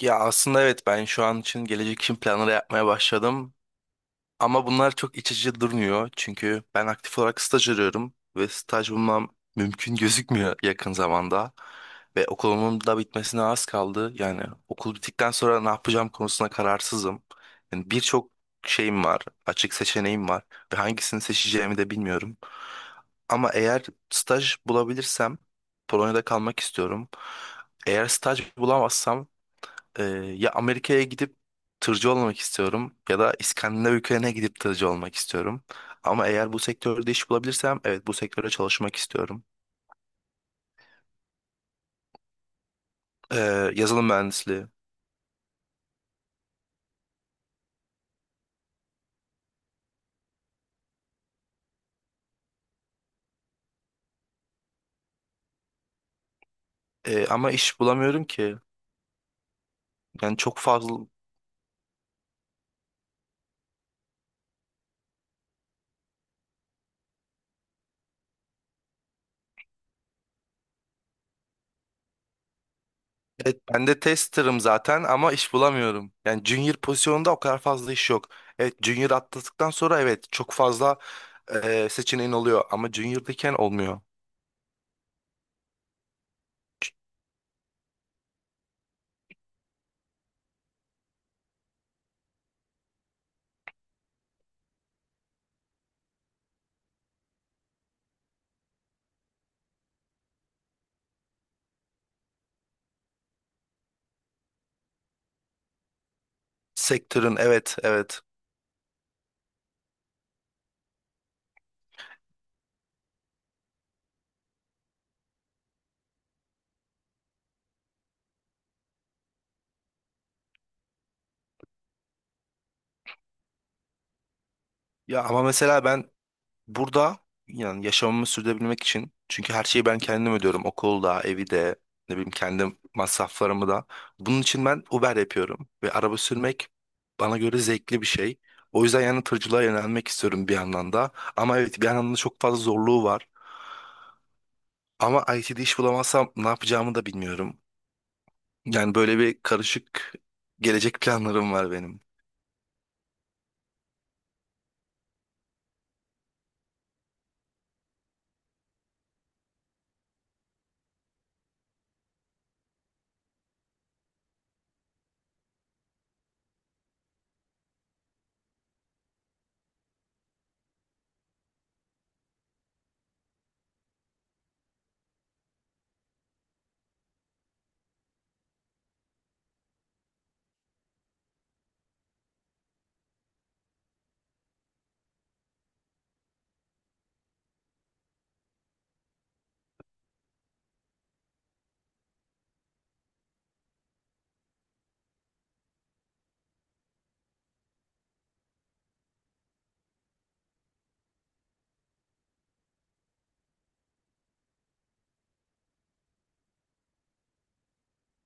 Ya aslında evet ben şu an için gelecek için planları yapmaya başladım. Ama bunlar çok iç açıcı durmuyor. Çünkü ben aktif olarak staj arıyorum ve staj bulmam mümkün gözükmüyor yakın zamanda. Ve okulumun da bitmesine az kaldı. Yani okul bittikten sonra ne yapacağım konusunda kararsızım. Yani birçok şeyim var, açık seçeneğim var ve hangisini seçeceğimi de bilmiyorum. Ama eğer staj bulabilirsem Polonya'da kalmak istiyorum. Eğer staj bulamazsam ee, ya Amerika'ya gidip tırcı olmak istiyorum ya da İskandinav ülkelerine gidip tırcı olmak istiyorum. Ama eğer bu sektörde iş bulabilirsem evet bu sektöre çalışmak istiyorum. Yazılım mühendisliği. Ama iş bulamıyorum ki. Yani çok fazla... Evet, ben de testerım zaten ama iş bulamıyorum. Yani junior pozisyonunda o kadar fazla iş yok. Evet, junior atladıktan sonra evet çok fazla seçeneğin oluyor ama junior'dayken olmuyor. Sektörün, evet evet. Ya ama mesela ben burada yani yaşamımı sürdürebilmek için, çünkü her şeyi ben kendim ödüyorum. Okulu da, evi de, ne bileyim kendi masraflarımı da. Bunun için ben Uber yapıyorum ve araba sürmek bana göre zevkli bir şey. O yüzden yani tırcılığa yönelmek istiyorum bir yandan da. Ama evet bir yandan da çok fazla zorluğu var. Ama IT'de iş bulamazsam ne yapacağımı da bilmiyorum. Yani böyle bir karışık gelecek planlarım var benim.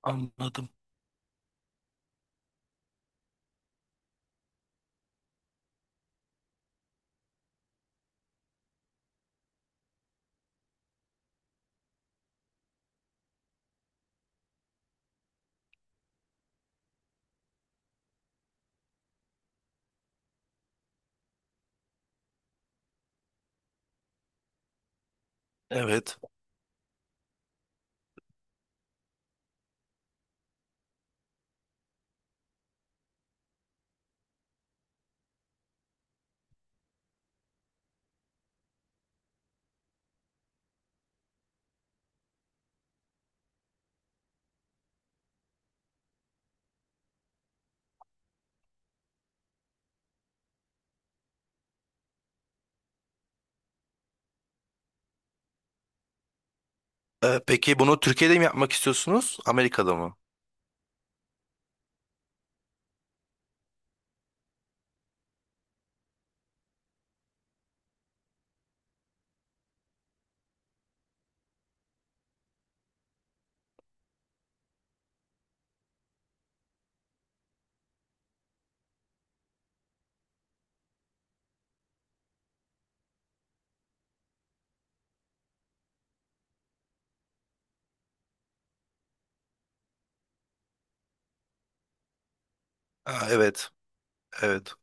Anladım. Evet. Peki bunu Türkiye'de mi yapmak istiyorsunuz? Amerika'da mı? Aa, evet. Evet.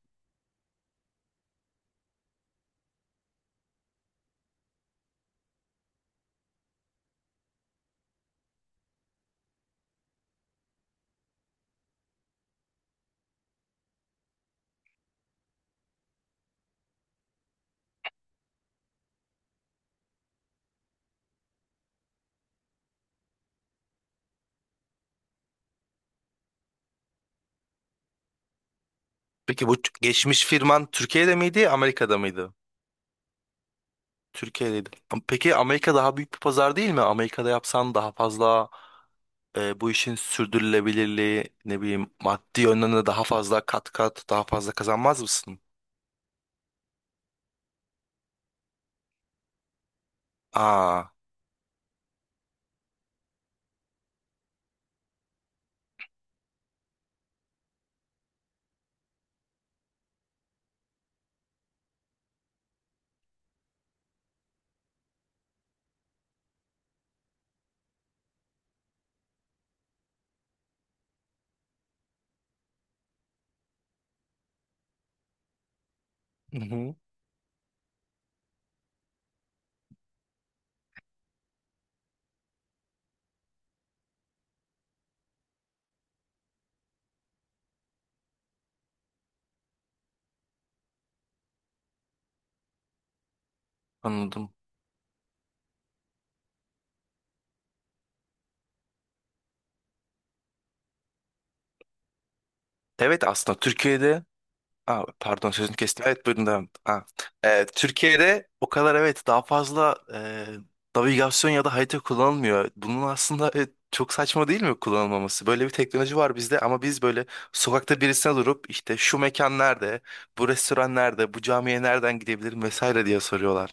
Peki bu geçmiş firman Türkiye'de miydi, Amerika'da mıydı? Türkiye'deydi. Peki Amerika daha büyük bir pazar değil mi? Amerika'da yapsan daha fazla, bu işin sürdürülebilirliği, ne bileyim maddi yönden de daha fazla, kat kat daha fazla kazanmaz mısın? Aa, hı hı, anladım. Evet, aslında Türkiye'de. Aa, pardon sözünü kestim. Evet buyurun devam. Ha. Türkiye'de o kadar evet daha fazla navigasyon ya da harita kullanılmıyor. Bunun aslında çok saçma değil mi kullanılmaması? Böyle bir teknoloji var bizde ama biz böyle sokakta birisine durup, işte şu mekan nerede, bu restoran nerede, bu camiye nereden gidebilirim vesaire diye soruyorlar.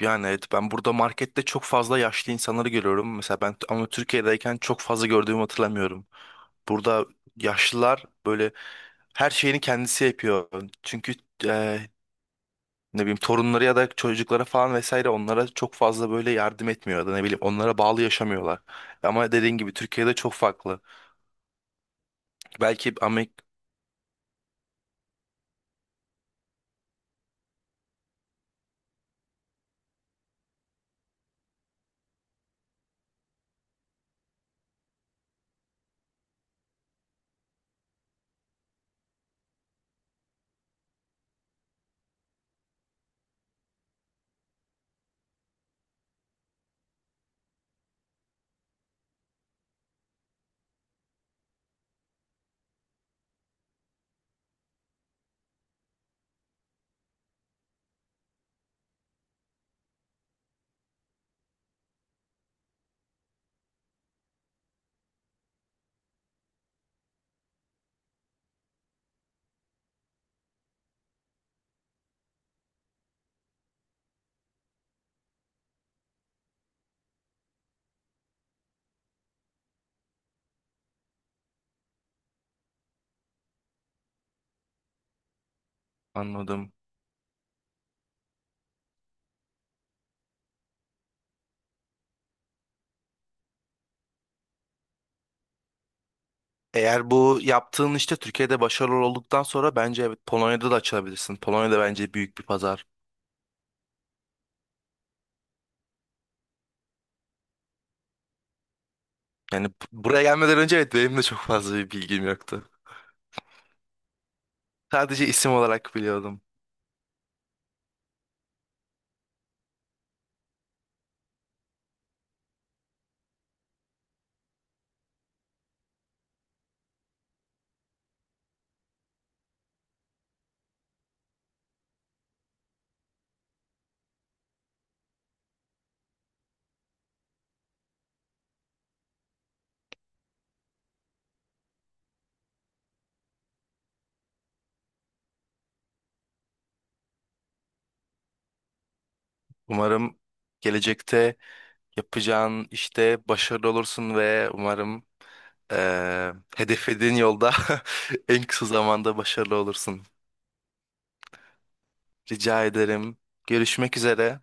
Yani evet ben burada markette çok fazla yaşlı insanları görüyorum. Mesela ben ama Türkiye'deyken çok fazla gördüğümü hatırlamıyorum. Burada yaşlılar böyle her şeyini kendisi yapıyor. Çünkü e, ne bileyim torunları ya da çocuklara falan vesaire onlara çok fazla böyle yardım etmiyor ya da ne bileyim onlara bağlı yaşamıyorlar. Ama dediğin gibi Türkiye'de çok farklı. Belki Amerik anladım. Eğer bu yaptığın işte Türkiye'de başarılı olduktan sonra bence evet Polonya'da da açılabilirsin. Polonya'da bence büyük bir pazar. Yani buraya gelmeden önce evet benim de çok fazla bir bilgim yoktu. Sadece isim olarak biliyordum. Umarım gelecekte yapacağın işte başarılı olursun ve umarım hedeflediğin yolda en kısa zamanda başarılı olursun. Rica ederim. Görüşmek üzere.